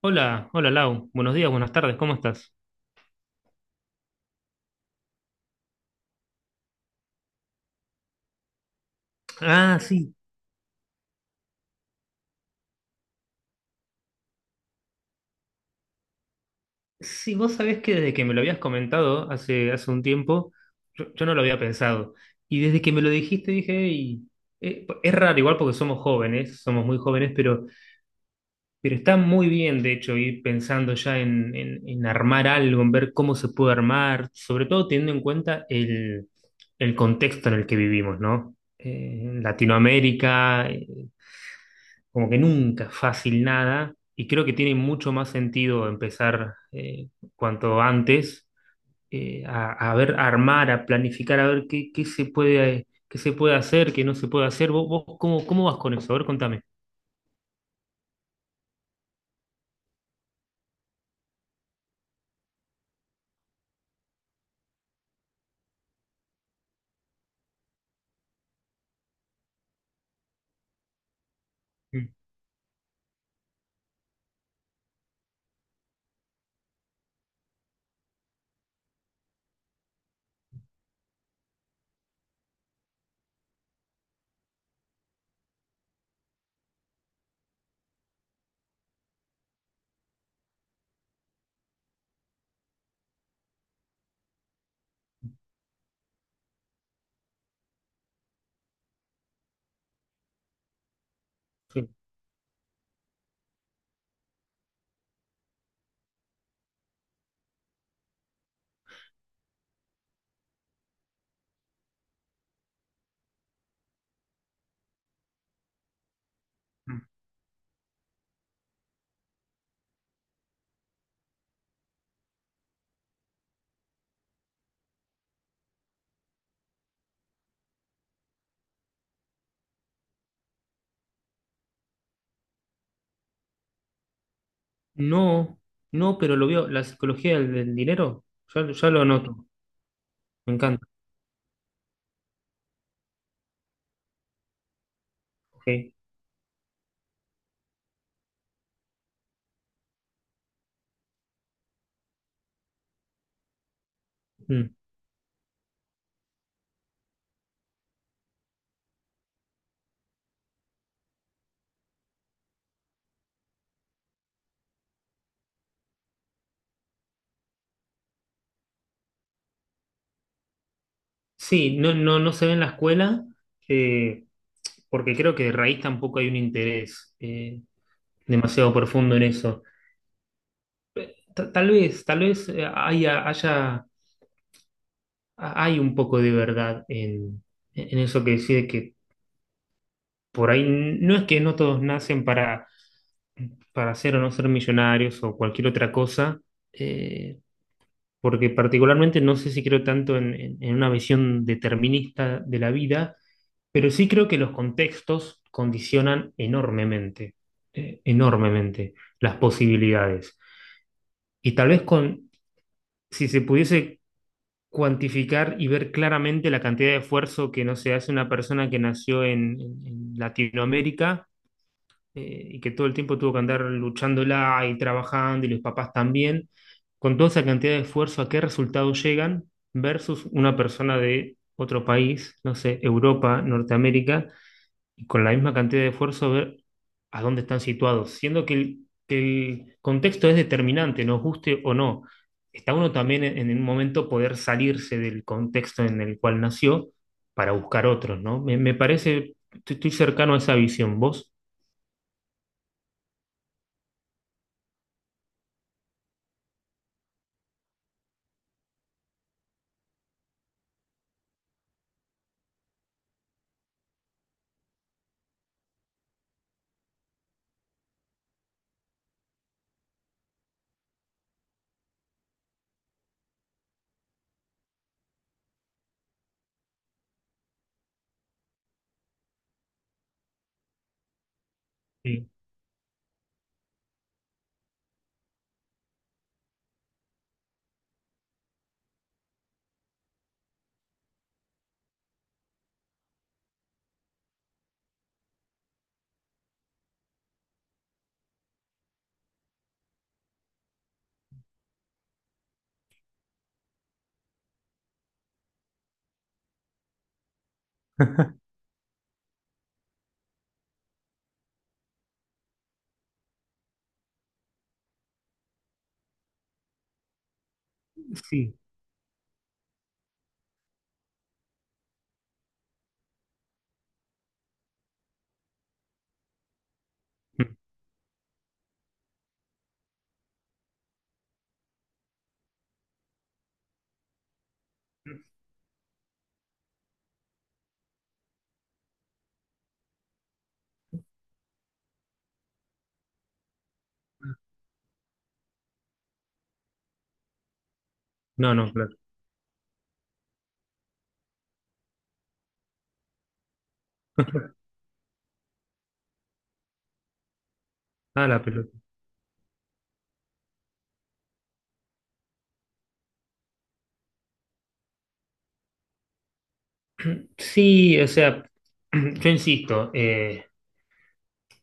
Hola, hola Lau, buenos días, buenas tardes, ¿cómo estás? Ah, sí, sí, vos sabés que desde que me lo habías comentado hace un tiempo, yo no lo había pensado. Y desde que me lo dijiste dije, "Ey, es raro igual porque somos jóvenes, somos muy jóvenes, pero está muy bien de hecho ir pensando ya en armar algo, en ver cómo se puede armar, sobre todo teniendo en cuenta el contexto en el que vivimos, ¿no? Latinoamérica. Como que nunca fácil nada, y creo que tiene mucho más sentido empezar cuanto antes a ver, a armar, a planificar, a ver qué, qué se puede hacer, qué no se puede hacer. ¿Vos cómo, ¿cómo vas con eso? A ver, contame. Mm, sí. Mm. No, no, pero lo veo, la psicología del dinero, ya lo anoto. Me encanta. Ok. Mm. Sí, no, no, no se ve en la escuela, eh, porque creo que de raíz tampoco hay un interés demasiado profundo en eso. Tal vez hay un poco de verdad en eso que decide que por ahí no es que no todos nacen para ser o no ser millonarios o cualquier otra cosa, eh, porque particularmente no sé si creo tanto en una visión determinista de la vida, pero sí creo que los contextos condicionan enormemente, enormemente las posibilidades. Y tal vez si se pudiese cuantificar y ver claramente la cantidad de esfuerzo que, no se hace una persona que nació en Latinoamérica, y que todo el tiempo tuvo que andar luchándola y trabajando y los papás también, con toda esa cantidad de esfuerzo, ¿a qué resultado llegan versus una persona de otro país, no sé, Europa, Norteamérica? Y con la misma cantidad de esfuerzo ver a dónde están situados, siendo que que el contexto es determinante, nos guste o no. Está uno también en un momento poder salirse del contexto en el cual nació para buscar otros, ¿no? Me parece, estoy, estoy cercano a esa visión, ¿vos? Sí, sí. Mm. No, no, claro. Ah, la pelota. Sí, o sea, yo insisto,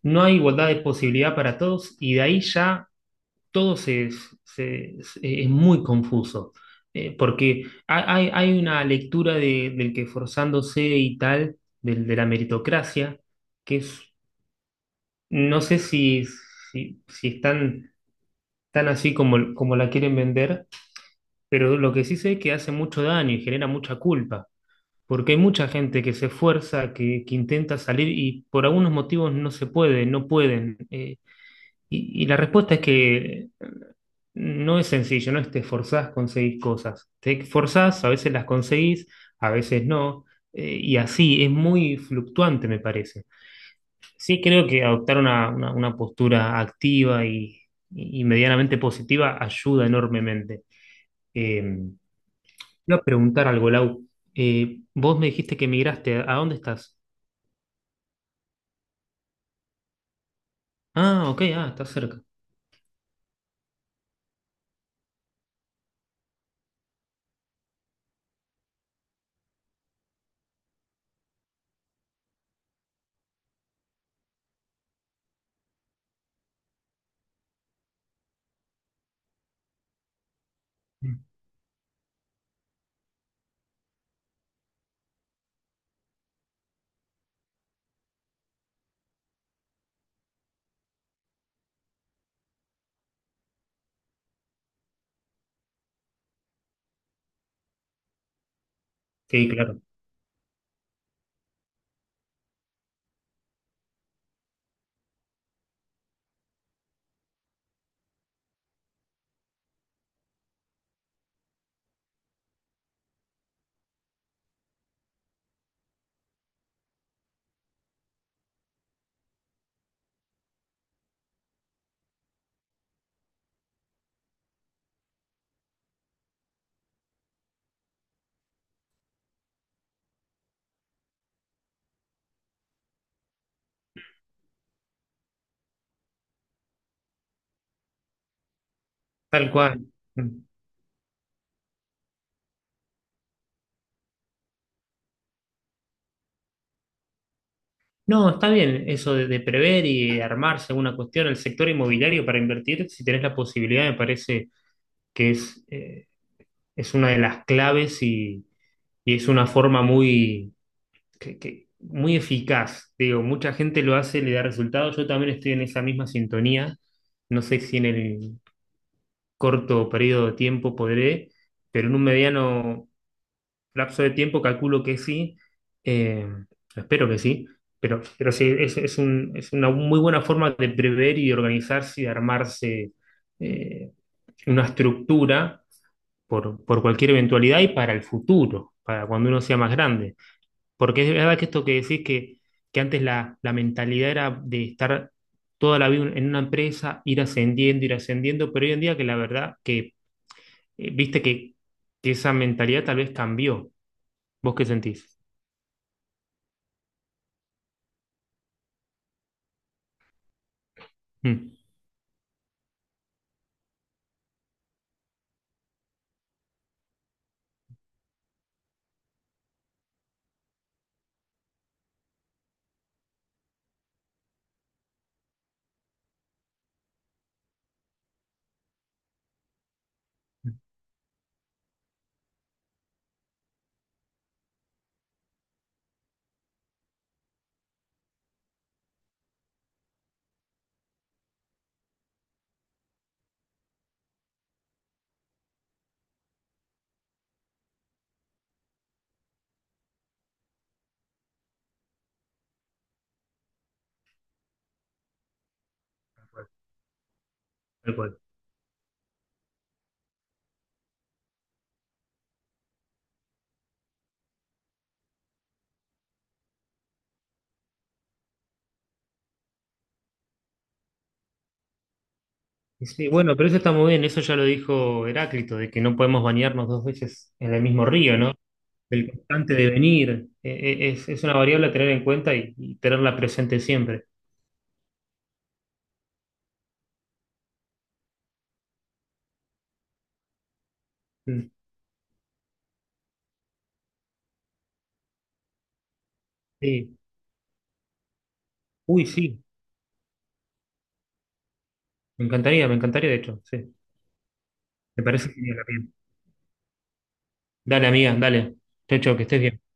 no hay igualdad de posibilidad para todos y de ahí ya todo se, es muy confuso, porque hay, hay una lectura del que forzándose y tal, de la meritocracia, que es, no sé si, si, ¿si es tan, tan así como, como la quieren vender? Pero lo que sí sé es que hace mucho daño y genera mucha culpa, porque hay mucha gente que se esfuerza, que intenta salir y por algunos motivos no se puede, no pueden. Y, y la respuesta es que no es sencillo, no es te esforzás, conseguís cosas. Te esforzás, a veces las conseguís, a veces no, y así es muy fluctuante, me parece. Sí creo que adoptar una, una postura activa y medianamente positiva ayuda enormemente. Te iba a preguntar algo, Lau. Vos me dijiste que migraste, ¿a dónde estás? Ah, ok, ah, estás cerca. Mm. Sí, claro, tal cual. Mm. No, está bien eso de prever y armarse una cuestión. El sector inmobiliario para invertir, si tenés la posibilidad, me parece que es una de las claves y es una forma muy, muy eficaz. Digo, mucha gente lo hace, le da resultados. Yo también estoy en esa misma sintonía. No sé si en el corto periodo de tiempo podré, pero en un mediano lapso de tiempo, calculo que sí, eh, espero que sí, pero sí, es, es una muy buena forma de prever y de organizarse y de armarse eh, una estructura por cualquier eventualidad y para el futuro, para cuando uno sea más grande. Porque es verdad que esto que decís que antes la, la mentalidad era de estar toda la vida en una empresa, ir ascendiendo, pero hoy en día que la verdad que viste que esa mentalidad tal vez cambió. ¿Vos qué sentís? Mm, tal cual. Y sí, bueno, pero eso está muy bien, eso ya lo dijo Heráclito, de que no podemos bañarnos dos veces en el mismo río, ¿no? El constante devenir, es una variable a tener en cuenta y tenerla presente siempre. Mm, sí. Uy, sí, me encantaría, de hecho, sí. Me parece genial la piel. Dale, amiga, dale. Chau, chau, que estés bien.